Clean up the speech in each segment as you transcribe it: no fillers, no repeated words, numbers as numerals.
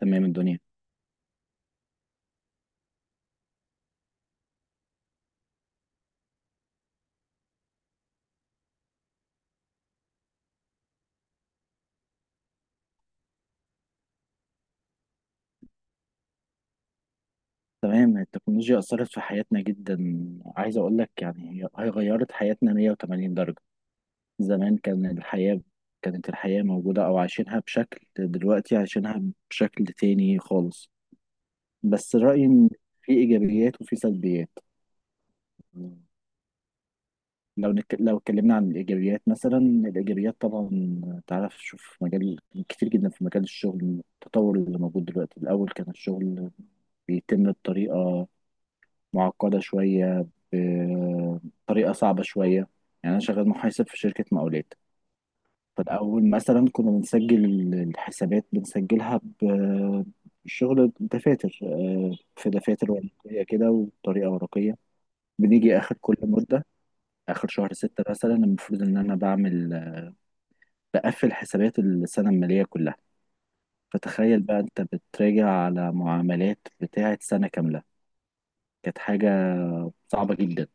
تمام الدنيا. تمام، التكنولوجيا أثرت في حياتنا جدا. عايز أقول لك يعني هي غيرت حياتنا 180 درجة. زمان كانت الحياة موجودة، أو عايشينها بشكل، دلوقتي عايشينها بشكل تاني خالص. بس رأيي إن في إيجابيات وفي سلبيات. لو اتكلمنا عن الإيجابيات، مثلا الإيجابيات طبعا تعرف، شوف مجال كتير جدا في مجال الشغل. التطور اللي موجود دلوقتي، الأول كان الشغل بيتم بطريقة معقدة شوية، بطريقة صعبة شوية. يعني أنا شغال محاسب في شركة مقاولات. فالأول مثلا كنا بنسجل الحسابات، بنسجلها بشغل دفاتر، في دفاتر ورقية كده وطريقة ورقية. بنيجي آخر كل مدة، آخر شهر 6 مثلا المفروض إن أنا بقفل حسابات السنة المالية كلها. فتخيل بقى أنت بتراجع على معاملات بتاعة سنة كاملة، كانت حاجة صعبة جدا.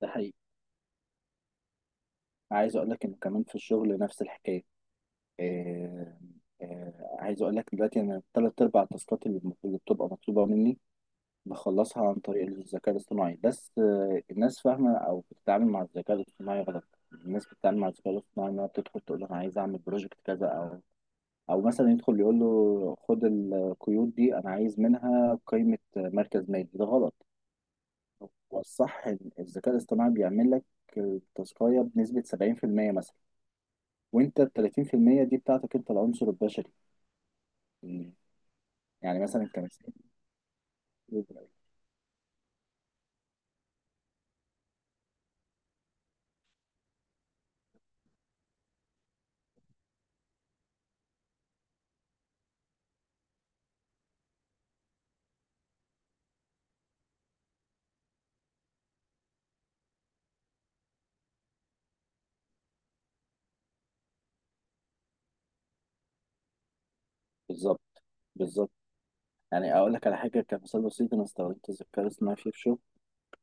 ده حقيقي. عايز اقول لك انه كمان في الشغل نفس الحكايه. آه عايز اقول لك دلوقتي انا 3/4 التاسكات اللي بتبقى مطلوبه مني بخلصها عن طريق الذكاء الاصطناعي. بس الناس فاهمه او بتتعامل مع الذكاء الاصطناعي غلط. الناس بتتعامل مع الذكاء الاصطناعي انها بتدخل تقول له انا عايز اعمل بروجكت كذا، او مثلا يدخل يقول له خد القيود دي انا عايز منها قيمه مركز مالي، ده غلط. هو الصح إن الذكاء الاصطناعي بيعمل لك التاسكايه بنسبه 70% مثلا، وانت ال 30% دي بتاعتك انت العنصر البشري. مم. يعني مثلا كمثال. بالظبط، بالظبط. يعني اقول لك على حاجه كمثال بسيط، انا استخدمت الذكاء الاصطناعي فيه في شغل.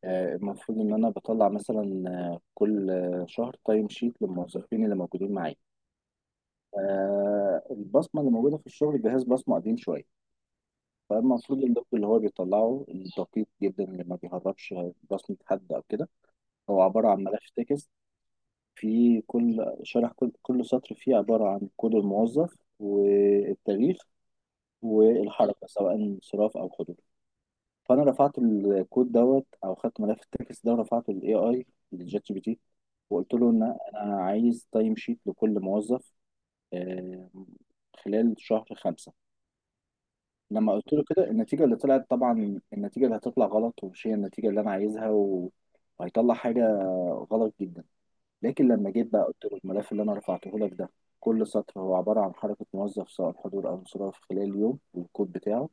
المفروض ان انا بطلع مثلا، كل شهر تايم شيت للموظفين اللي موجودين معايا. البصمه اللي موجوده في الشغل جهاز بصمه قديم شويه. فالمفروض اللوج اللي هو بيطلعه دقيق جدا، اللي ما بيهربش بصمه حد او كده. هو عباره عن ملف تكست. في كل شرح كل سطر فيه عبارة عن كود الموظف والتاريخ والحركة، سواء انصراف أو حضور. فأنا رفعت الكود دوت أو خدت ملف التكست ده ورفعته لل AI، للشات جي بي تي. وقلت له إن أنا عايز تايم شيت لكل موظف، آه، خلال شهر 5. لما قلت له كده، النتيجة اللي هتطلع غلط، ومش هي النتيجة اللي أنا عايزها، وهيطلع حاجة غلط جدا. لكن لما جيت بقى قلت له الملف اللي انا رفعته لك ده، كل سطر هو عباره عن حركه موظف سواء حضور او انصراف خلال اليوم والكود بتاعه.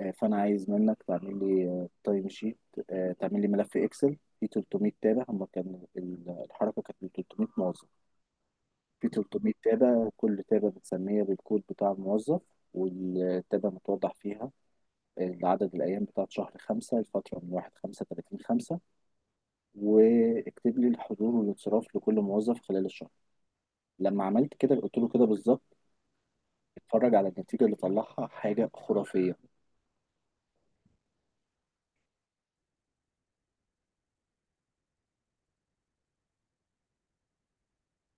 فانا عايز منك تعمل لي تايم شيت، تعمل لي ملف اكسل فيه 300 تابع. الحركه كانت من 300 موظف. فيه 300 تابع، كل تابع بتسميها بالكود بتاع الموظف، والتابع متوضح فيها عدد الأيام بتاعت شهر 5، الفترة من 1/5 30/5، واكتب لي الحضور والانصراف لكل موظف خلال الشهر. لما عملت كده قلت له كده بالظبط، اتفرج على النتيجة اللي طلعها، حاجة خرافية.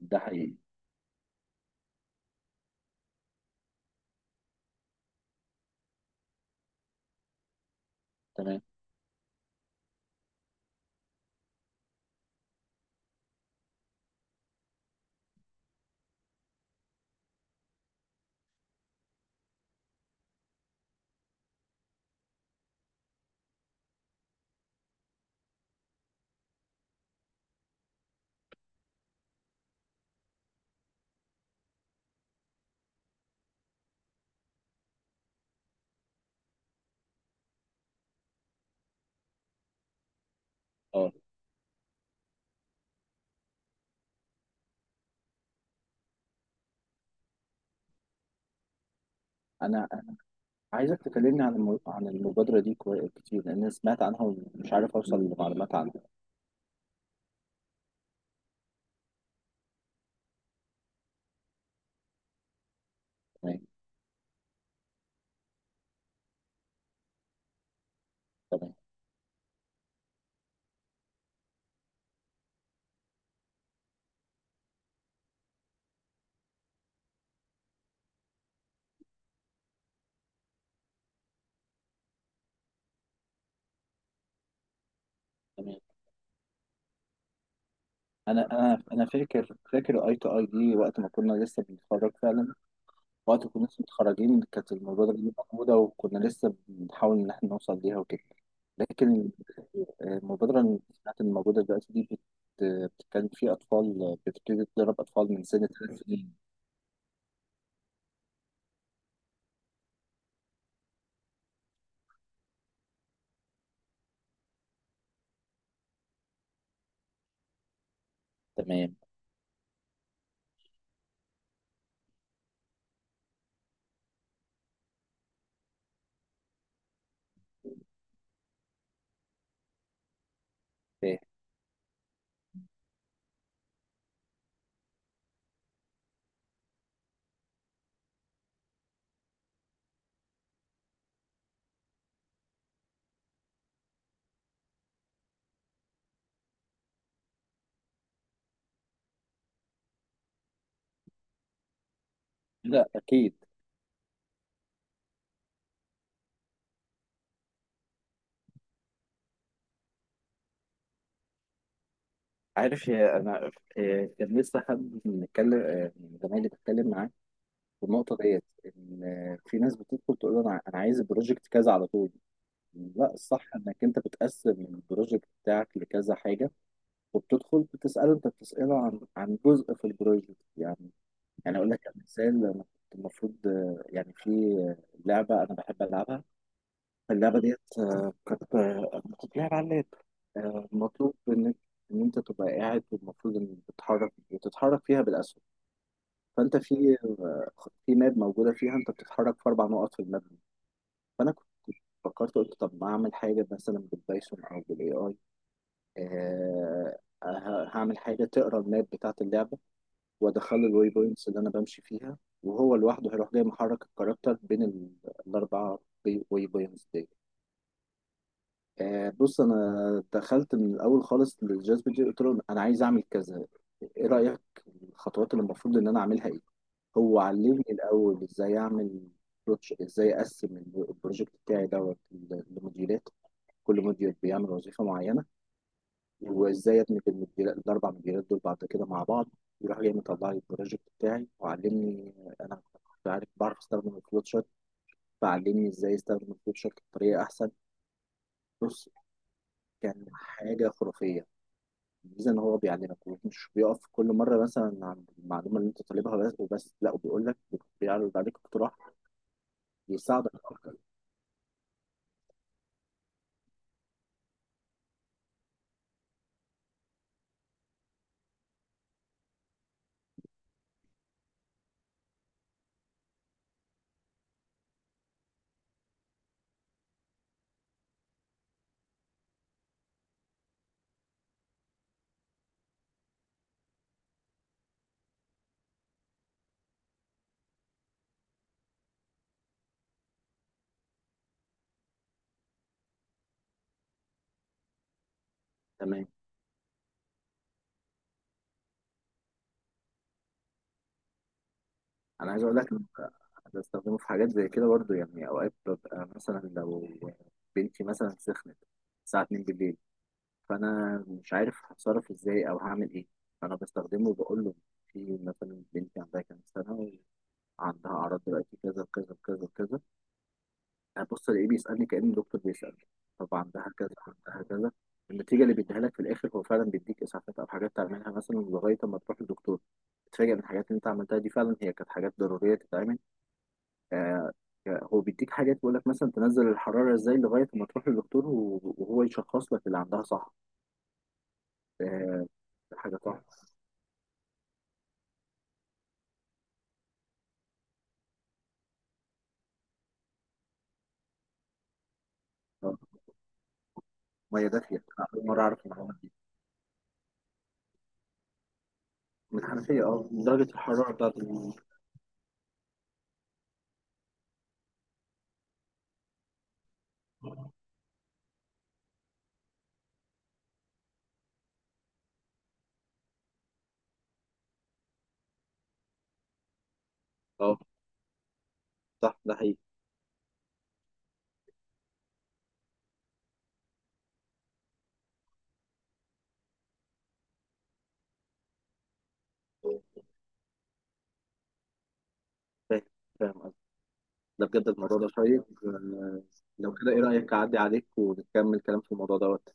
ده حقيقي. تمام. اه انا عايزك تكلمني عن عن المبادرة دي كتير لان أنا سمعت عنها ومش عارف اوصل لمعلومات عنها. تمام، تمام، تمام. انا فاكر اي تو اي دي وقت ما كنا لسه بنتخرج فعلا. وقت ما كنا لسه متخرجين كانت المبادرة دي موجودة، وكنا لسه بنحاول ان احنا نوصل ليها وكده. لكن المبادرة اللي سمعت إن موجودة دلوقتي دي بت- بتتكلم في أطفال، بتبتدي تدرب أطفال من سن 3 سنين. تمام. إيه. لا أكيد. عارف يا أنا، إيه، كان لسه حد بنتكلم من زمايلي بتكلم معاه في النقطة ديت، إن في ناس بتدخل تقول أنا عايز البروجكت كذا على طول. لا الصح إنك أنت بتقسم البروجكت بتاعك لكذا حاجة، وبتدخل بتسأله، أنت بتسأله عن جزء في البروجكت يعني اقول لك على مثال، انا كنت المفروض يعني في لعبه انا بحب العبها. اللعبه ديت كانت بتتلعب على اللاب. مطلوب ان انت تبقى قاعد، والمفروض ان بتتحرك فيها بالاسهم. فانت في في ماب موجوده فيها، انت بتتحرك في اربع نقط في الماب دي. فانا كنت فكرت، قلت طب ما اعمل حاجه مثلا بالبايثون او بالاي اي، هعمل حاجه تقرا الماب بتاعت اللعبه وادخله الواي بوينتس اللي انا بمشي فيها، وهو لوحده هيروح جاي محرك الكاركتر بين الاربعه واي بوينتس دي. بص، انا دخلت من الاول خالص للجاذب دي، قلت له انا عايز اعمل كذا، ايه رايك، الخطوات اللي المفروض ان انا اعملها ايه. هو علمني الاول ازاي اعمل بروتش، ازاي اقسم البروجكت بتاعي دوت لموديولات، كل موديول بيعمل وظيفه معينه. وازاي ادمج الاربع مديريات دول بعد كده مع بعض. يروح جاي مطلع لي البروجكت بتاعي وعلمني. انا كنت عارف بعرف استخدم الفلوت شارت، فعلمني ازاي استخدم الفلوت شارت بطريقه احسن. بص، كان حاجه خرافيه. الميزه ان هو بيعلمك، مش بيقف كل مره مثلا عند المعلومه اللي انت طالبها بس وبس، لا، وبيقول لك، بيعرض عليك اقتراح يساعدك اكتر. تمام. انا عايز اقول لك بستخدمه في حاجات زي كده برضو، يعني اوقات ببقى مثلا لو بنتي مثلا سخنت الساعه 2 بالليل، فانا مش عارف هتصرف ازاي او هعمل ايه. فانا بستخدمه وبقول له، في مثلا بنتي عندها كام سنه، وعندها اعراض دلوقتي كذا كذا كذا كذا. هبص الاقيه بيسالني كأن الدكتور بيسالني، طب عندها كذا، عندها كذا. النتيجه اللي بيديها لك في الاخر هو فعلا بيديك اسعافات او حاجات تعملها مثلا لغايه ما تروح للدكتور. تتفاجئ ان الحاجات اللي انت عملتها دي فعلا هي كانت حاجات ضروريه تتعمل. آه هو بيديك حاجات، بيقول لك مثلا تنزل الحراره ازاي لغايه ما تروح للدكتور وهو يشخص لك اللي عندها صح. آه، حاجة صح. آه، ميه دافيه، أنا أول مرة أعرف المعلومة دي. من الحنفية، من درجة الحرارة بتاعت. أه صح، ده حقيقي. فاهم فاهم قصدي. ده بجد الموضوع ده شيق. لو كده إيه رأيك أعدي عليك ونكمل كلام في الموضوع دوت.